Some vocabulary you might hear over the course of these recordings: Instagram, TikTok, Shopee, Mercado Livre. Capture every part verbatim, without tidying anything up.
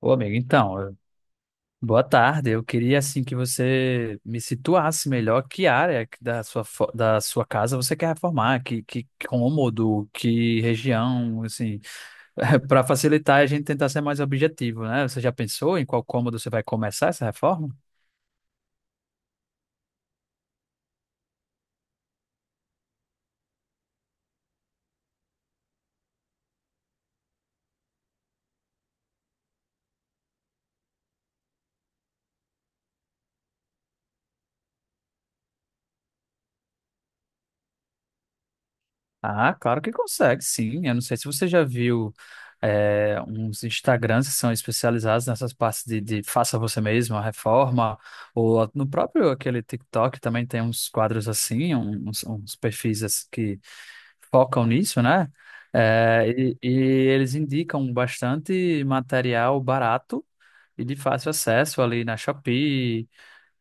Ô, amigo, então, eu- boa tarde. Eu queria, assim, que você me situasse melhor que área que da sua, fo- da sua casa você quer reformar, que, que cômodo, que região, assim, para facilitar a gente tentar ser mais objetivo, né? Você já pensou em qual cômodo você vai começar essa reforma? Ah, claro que consegue, sim. Eu não sei se você já viu é, uns Instagrams que são especializados nessas partes de, de faça você mesmo, a reforma, ou no próprio aquele TikTok também tem uns quadros assim, um, uns, uns perfis assim que focam nisso, né? É, e, e eles indicam bastante material barato e de fácil acesso ali na Shopee,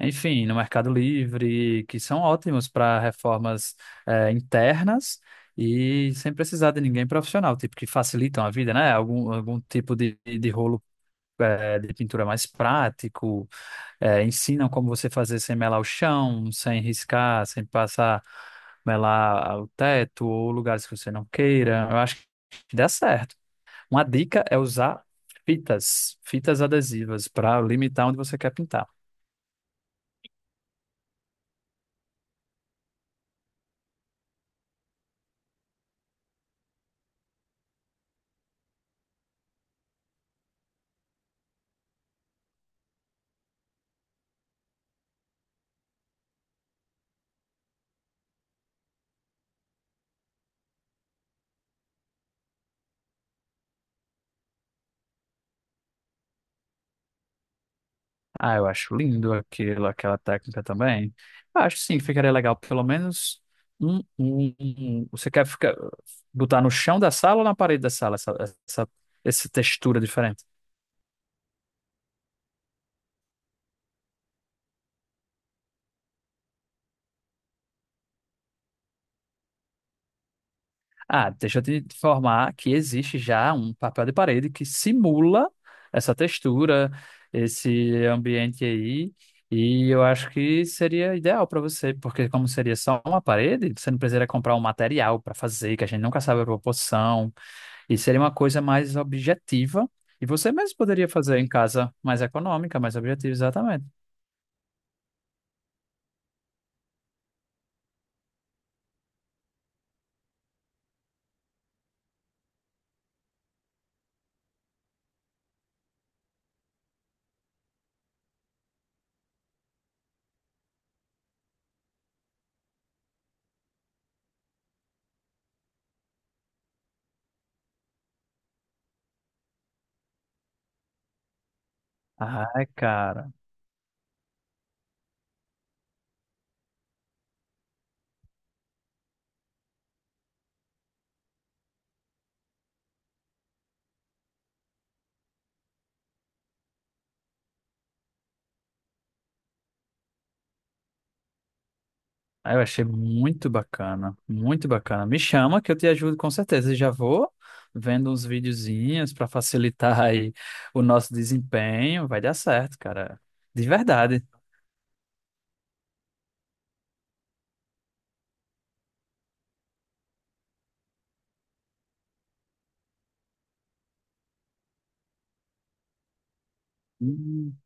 enfim, no Mercado Livre, que são ótimos para reformas eh, internas e sem precisar de ninguém profissional, tipo, que facilitam a vida, né? Algum, algum tipo de, de rolo eh, de pintura mais prático, eh, ensinam como você fazer sem melar o chão, sem riscar, sem passar, melar o teto ou lugares que você não queira. Eu acho que dá certo. Uma dica é usar fitas, fitas adesivas para limitar onde você quer pintar. Ah, eu acho lindo aquilo, aquela técnica também. Eu acho sim que ficaria legal, pelo menos um, um- um- um. você quer ficar, botar no chão da sala ou na parede da sala essa, essa, essa textura diferente? Ah, deixa eu te informar que existe já um papel de parede que simula essa textura, esse ambiente aí, e eu acho que seria ideal para você, porque como seria só uma parede, você não precisaria comprar um material para fazer, que a gente nunca sabe a proporção. E seria uma coisa mais objetiva. E você mesmo poderia fazer em casa mais econômica, mais objetiva, exatamente. Ai, cara. Ah, eu achei muito bacana, muito bacana. Me chama que eu te ajudo com certeza. E já vou vendo uns videozinhos para facilitar aí o nosso desempenho. Vai dar certo, cara. De verdade. Hum.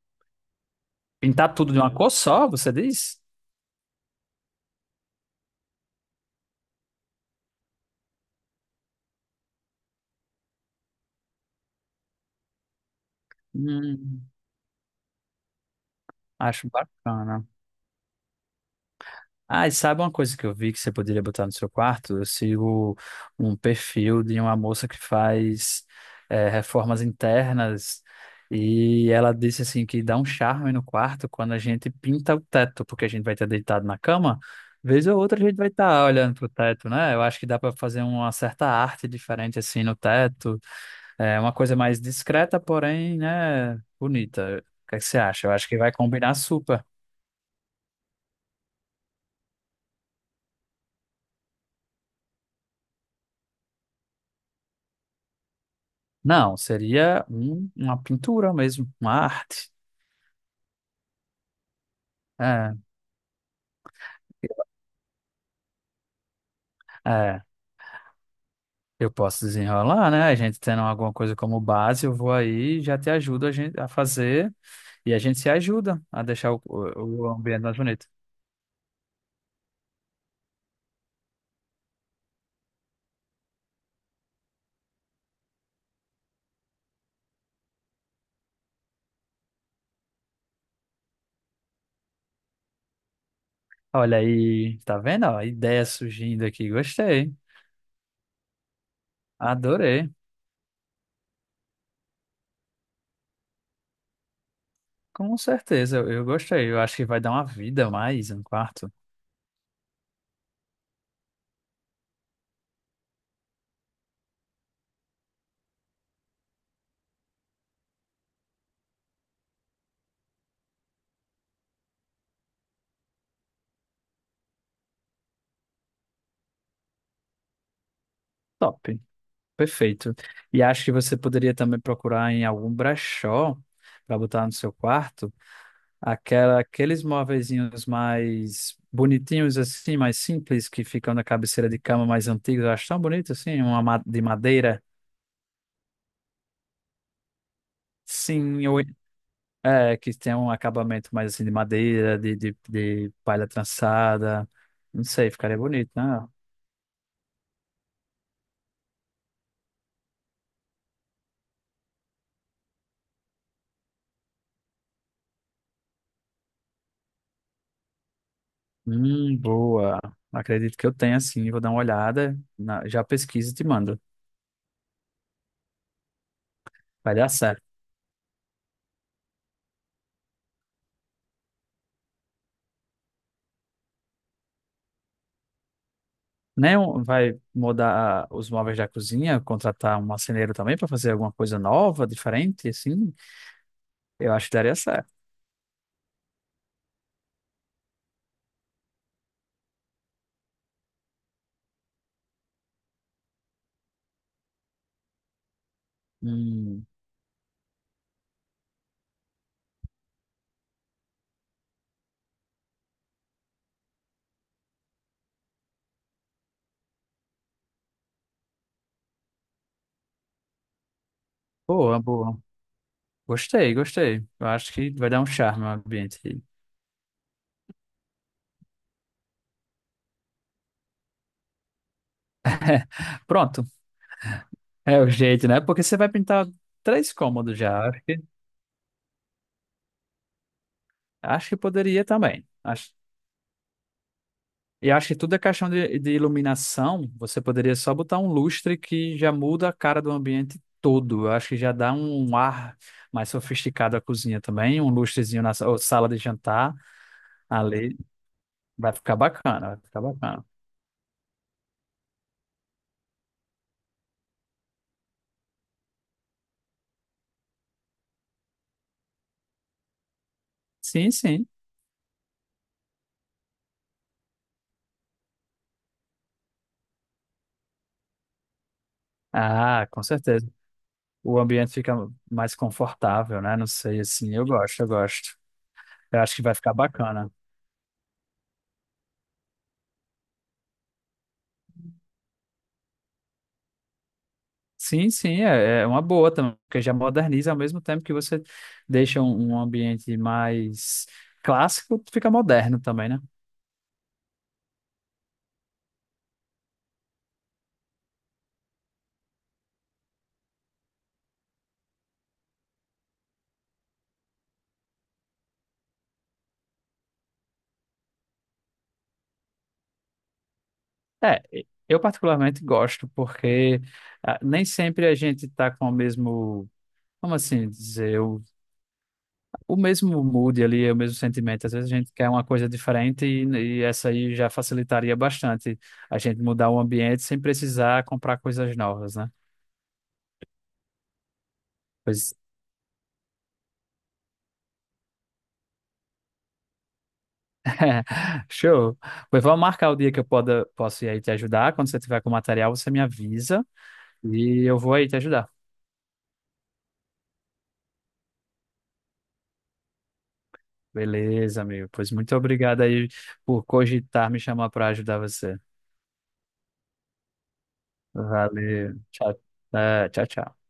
Pintar tudo de uma cor só, você diz? Hum, acho bacana. Ah, e sabe uma coisa que eu vi que você poderia botar no seu quarto? Eu sigo um perfil de uma moça que faz eh, reformas internas e ela disse assim que dá um charme no quarto quando a gente pinta o teto, porque a gente vai estar deitado na cama, vez ou outra a gente vai estar olhando pro teto, né? Eu acho que dá para fazer uma certa arte diferente assim no teto, é uma coisa mais discreta, porém, né, bonita. O que é que você acha? Eu acho que vai combinar super. Não, seria um- uma pintura mesmo, uma arte. É, é, eu posso desenrolar, né? A gente tendo alguma coisa como base, eu vou aí e já te ajudo a gente a fazer e a gente se ajuda a deixar o, o- o ambiente mais bonito. Olha aí, tá vendo? Ó, ideia surgindo aqui, gostei, adorei. Com certeza, eu, eu gostei. Eu acho que vai dar uma vida a mais um quarto. Top, perfeito. E acho que você poderia também procurar em algum brechó para botar no seu quarto aquela, aqueles móveizinhos mais bonitinhos assim, mais simples, que ficam na cabeceira de cama mais antigos, eu acho tão bonito assim, uma ma- de madeira. Sim, eu, é, que tem um acabamento mais assim de madeira, de, de, de palha trançada. Não sei, ficaria bonito, né? Hum, boa. Acredito que eu tenha sim, vou dar uma olhada, na- já pesquiso e te mando. Vai dar certo. Nem um- vai mudar os móveis da cozinha, contratar um marceneiro também para fazer alguma coisa nova, diferente, assim? Eu acho que daria certo. Hum, boa, boa. Gostei, gostei. Eu acho que vai dar um charme ao ambiente. Pronto. É o jeito, né? Porque você vai pintar três cômodos já. Acho que, acho que poderia também. Acho, e acho que tudo é questão de, de iluminação. Você poderia só botar um lustre que já muda a cara do ambiente todo. Eu acho que já dá um ar mais sofisticado à cozinha também. Um lustrezinho na sa- ou sala de jantar ali. Vai ficar bacana, vai ficar bacana. Sim, sim. Ah, com certeza. O ambiente fica mais confortável, né? Não sei, assim, eu gosto, eu gosto. Eu acho que vai ficar bacana. Sim, sim, é, é uma boa também, porque já moderniza ao mesmo tempo que você deixa um, um ambiente mais clássico, fica moderno também, né? É, eu particularmente gosto, porque ah, nem sempre a gente está com o mesmo, como assim dizer, o o mesmo mood ali, é o mesmo sentimento. Às vezes a gente quer uma coisa diferente e, e essa aí já facilitaria bastante a gente mudar o ambiente sem precisar comprar coisas novas, né? Pois, show. Pois vamos marcar o dia que eu poda, posso ir aí te ajudar. Quando você tiver com o material, você me avisa e eu vou aí te ajudar. Beleza, amigo. Pois muito obrigado aí por cogitar me chamar para ajudar você. Valeu. Tchau, eh, tchau, tchau.